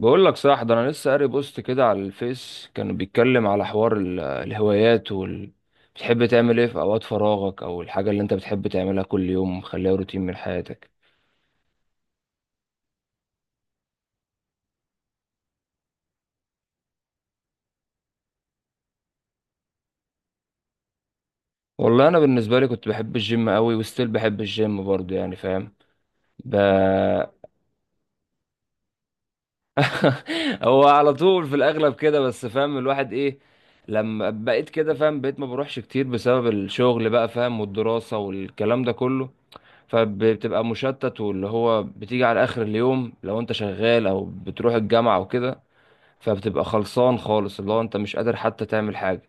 بقول لك صح، ده انا لسه قاري بوست كده على الفيس، كانوا بيتكلم على حوار الهوايات بتحب تعمل ايه في اوقات فراغك او الحاجه اللي انت بتحب تعملها كل يوم مخليها روتين من حياتك. والله انا بالنسبه لي كنت بحب الجيم قوي، وستيل بحب الجيم برضه، يعني فاهم. ب... هو على طول في الاغلب كده، بس فاهم الواحد ايه. لما بقيت كده فاهم، بقيت ما بروحش كتير بسبب الشغل، بقى فاهم، والدراسه والكلام ده كله. فبتبقى مشتت، واللي هو بتيجي على اخر اليوم لو انت شغال او بتروح الجامعة او كده، فبتبقى خلصان خالص، اللي هو انت مش قادر حتى تعمل حاجة.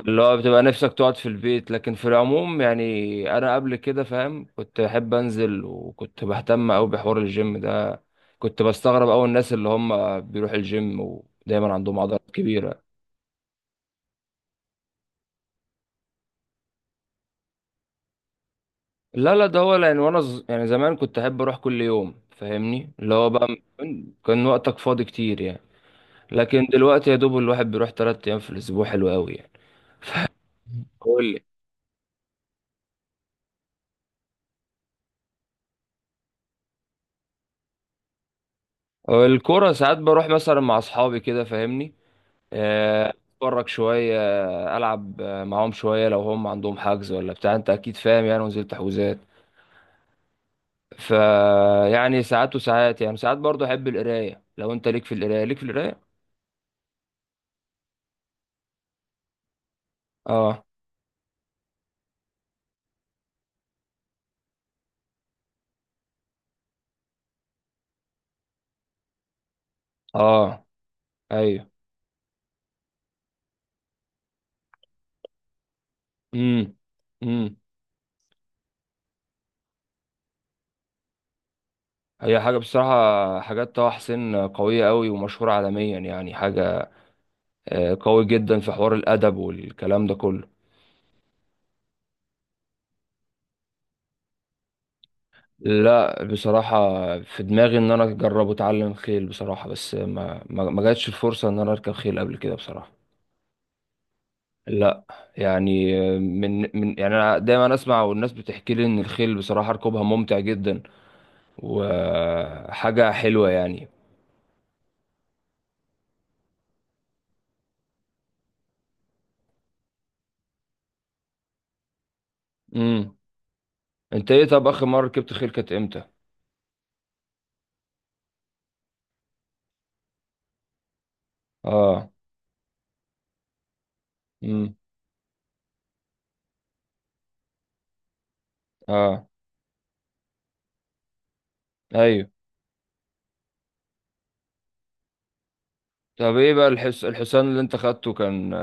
اللي هو بتبقى نفسك تقعد في البيت. لكن في العموم يعني انا قبل كده، فاهم، كنت بحب انزل، وكنت بهتم قوي بحوار الجيم ده. كنت بستغرب قوي الناس اللي هم بيروح الجيم ودايما عندهم عضلات كبيرة. لا لا، ده هو لان وانا يعني زمان كنت احب اروح كل يوم، فاهمني اللي هو بقى. كان وقتك فاضي كتير يعني. لكن دلوقتي يا دوب الواحد بيروح تلات ايام في الاسبوع، حلو قوي يعني. قول لي. الكرة ساعات بروح مثلا مع اصحابي كده، فاهمني. اتفرج شوية، العب معاهم شوية لو هم عندهم حجز ولا بتاع، انت اكيد فاهم يعني، ونزلت تحويزات. ف يعني ساعات وساعات، يعني ساعات برضو احب القراية، لو انت ليك في القراية، ليك في القراية اه اه ايوه. امم. امم. هي حاجة بصراحة، حاجات طه حسين قوية قوي ومشهورة عالميا، يعني حاجة قوي جدا في حوار الادب والكلام ده كله. لا بصراحه، في دماغي ان انا اجرب اتعلم خيل بصراحه، بس ما جاتش الفرصه ان انا اركب خيل قبل كده بصراحه. لا. يعني من يعني انا دايما اسمع والناس بتحكي لي ان الخيل بصراحه ركوبها ممتع جدا وحاجه حلوه يعني. امم. انت ايه؟ طب اخر مره ركبت خيل كانت امتى؟ اه. امم. اه. ايوه. طب ايه بقى الحصان اللي انت خدته كان،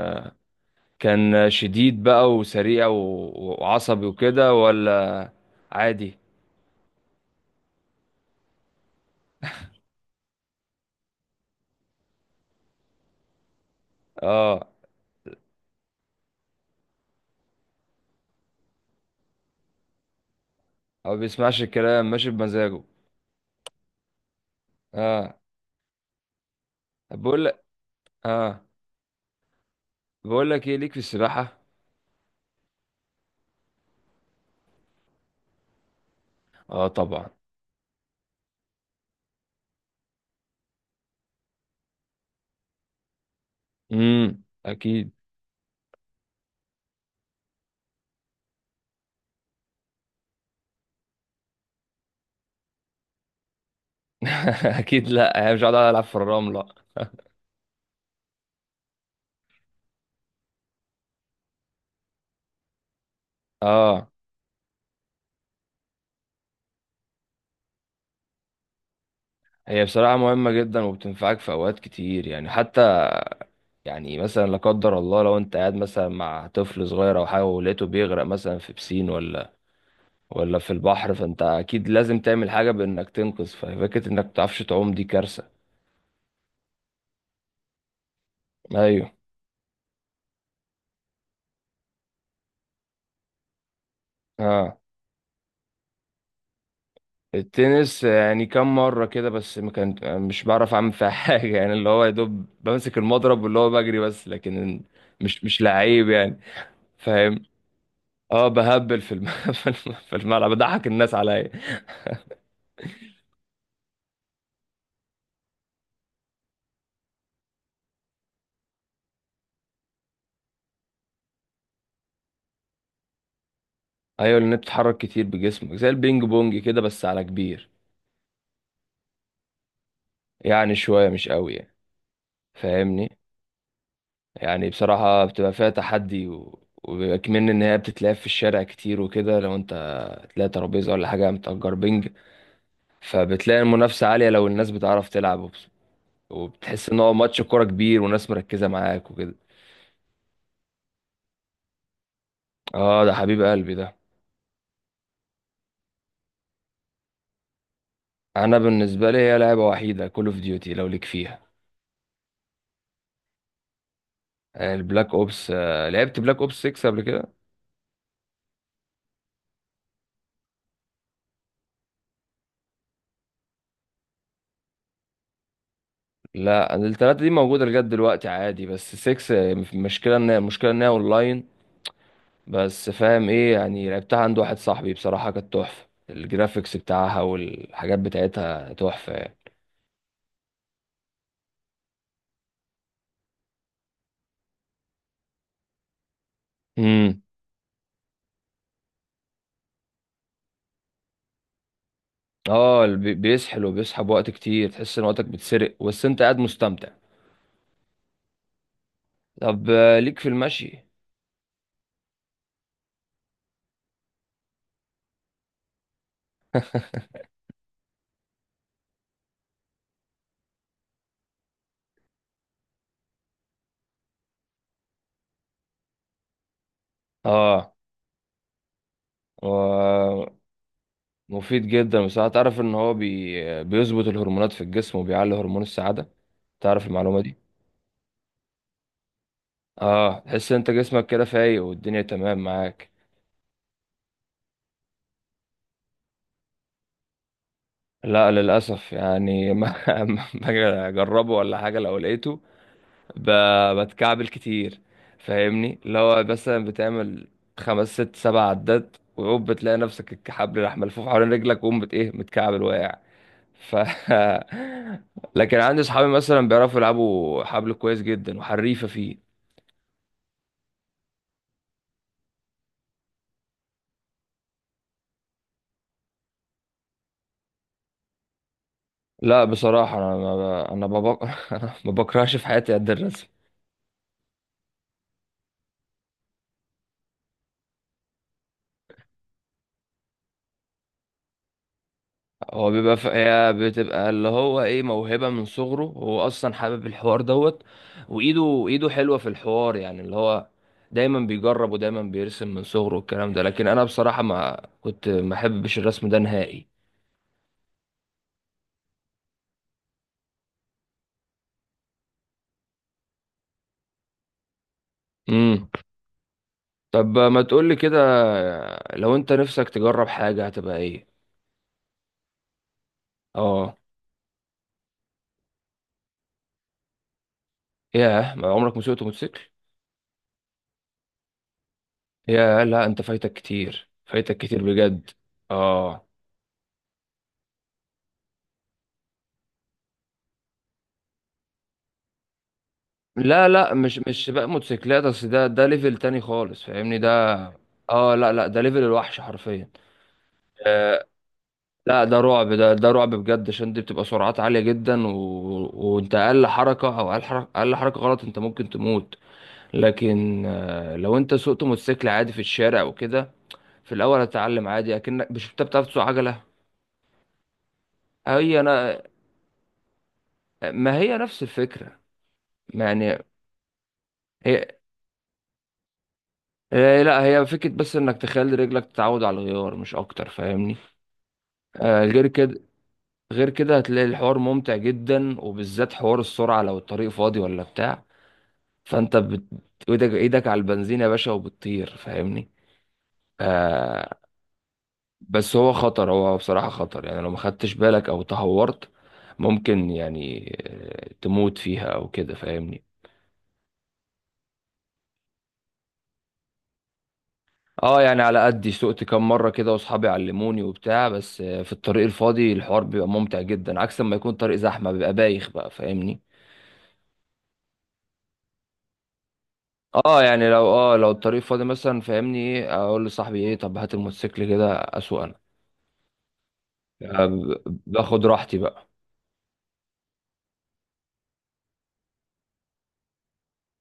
كان شديد بقى وسريع وعصبي وكده ولا عادي؟ اه. هو بيسمعش الكلام، ماشي بمزاجه. اه. طب بقول لك. اه. بقول لك ايه، ليك في السباحة؟ اه طبعا. امم، اكيد. اكيد، لا هي مش قاعدة العب في الرملة. اه. هي بصراحة مهمة جدا، وبتنفعك في اوقات كتير يعني، حتى يعني مثلا لا قدر الله لو انت قاعد مثلا مع طفل صغير او حاجة ولقيته بيغرق مثلا في بسين ولا ولا في البحر، فانت اكيد لازم تعمل حاجه بانك تنقذ. ففكره انك متعرفش تعوم دي كارثه. ايوه. اه. التنس يعني كم مره كده، بس ما كان، مش بعرف اعمل فيها حاجه يعني، اللي هو يا دوب بمسك المضرب واللي هو بجري بس، لكن مش لعيب يعني. فاهم. اه، بهبل في في في الملعب، بضحك الناس عليا. ايوه لان بتتحرك كتير بجسمك، زي البينج بونج كده بس على كبير. يعني شويه مش قوي يعني، فاهمني. يعني بصراحة بتبقى فيها تحدي وبيبقى كمان إن هي بتتلعب في الشارع كتير وكده، لو أنت تلاقي ترابيزة ولا حاجة متأجر بنج، فبتلاقي المنافسة عالية لو الناس بتعرف تلعب، وبتحس إن هو ماتش كورة كبير وناس مركزة معاك وكده. آه ده حبيب قلبي ده. أنا بالنسبة لي هي لعبة وحيدة، كول أوف ديوتي، لو ليك فيها. يعني البلاك أوبس، لعبت بلاك أوبس 6 قبل كده؟ لا التلاتة دي موجودة لغاية دلوقتي عادي، بس 6 المشكلة إن، المشكلة إن هي أونلاين بس، فاهم ايه يعني. لعبتها عند واحد صاحبي بصراحة، كانت تحفة، الجرافيكس بتاعها والحاجات بتاعتها تحفة يعني. امم. اه، بيسحل وبيسحب وقت كتير، تحس ان وقتك بيتسرق بس انت قاعد مستمتع. طب ليك في المشي؟ اه. و... مفيد جدا بصراحة، تعرف ان هو بيظبط الهرمونات في الجسم وبيعلي هرمون السعادة؟ تعرف المعلومة دي؟ اه، تحس ان انت جسمك كده فايق والدنيا تمام معاك. لا للأسف، يعني ما ما باجي أجربه ولا حاجة، لو لقيته ب... بتكعبل كتير، فاهمني. اللي هو مثلا بتعمل خمس ست سبع عدات، وعقب بتلاقي نفسك الحبل راح ملفوف حوالين رجلك، وقوم بت إيه، متكعبل واقع. ف لكن عندي صحابي مثلا بيعرفوا يلعبوا حبل كويس جدا وحريفة فيه. لا بصراحة، أنا ما... ب... أنا ما بق... أنا ما بكرهش في حياتي قد الرسم. هو بيبقى هي بتبقى اللي هو ايه، موهبة من صغره، هو اصلا حابب الحوار دوت، وايده، ايده حلوة في الحوار، يعني اللي هو دايما بيجرب ودايما بيرسم من صغره والكلام ده. لكن انا بصراحة ما كنت ما احبش الرسم ده نهائي. امم. طب ما تقولي كده، لو انت نفسك تجرب حاجة هتبقى ايه؟ اه. ياه، ما عمرك ما سوقت موتوسيكل؟ ياه، لا انت فايتك كتير، فايتك كتير بجد. اه. لا لا، مش سباق موتوسيكلات، اصل ده ليفل تاني خالص، فاهمني ده. اه لا لا، ده ليفل الوحش حرفيا. آه لا، ده رعب، ده رعب بجد، عشان دي بتبقى سرعات عالية جدا، وانت اقل حركة، او اقل حركة، اقل حركة غلط انت ممكن تموت. لكن آه، لو انت سوقت موتوسيكل عادي في الشارع وكده، في الاول هتتعلم عادي اكنك، مش انت بتعرف تسوق عجلة؟ هي انا، ما هي نفس الفكرة، ما يعني. هي لا هي فكرة بس انك تخلي رجلك تتعود على الغيار، مش اكتر فاهمني. آه غير كده، غير كده هتلاقي الحوار ممتع جدا، وبالذات حوار السرعة لو الطريق فاضي ولا بتاع، فانت ايدك على البنزين يا باشا وبتطير، فاهمني. آه. بس هو خطر، هو بصراحة خطر، يعني لو ما خدتش بالك او تهورت ممكن يعني تموت فيها او كده، فاهمني. اه يعني على قدي، سوقت كام مرة كده واصحابي علموني وبتاع، بس في الطريق الفاضي الحوار بيبقى ممتع جدا، عكس لما يكون طريق زحمة بيبقى بايخ بقى، فاهمني. اه يعني، لو اه لو الطريق فاضي مثلا، فاهمني ايه، اقول لصاحبي ايه، طب هات الموتوسيكل كده اسوق انا، باخد راحتي بقى.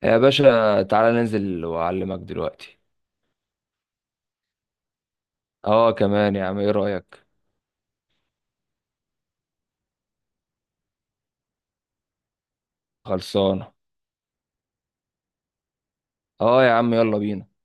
يا باشا تعالى ننزل واعلمك دلوقتي. اه كمان، يا عم ايه رأيك؟ خلصانه. اه يا عم، يلا بينا.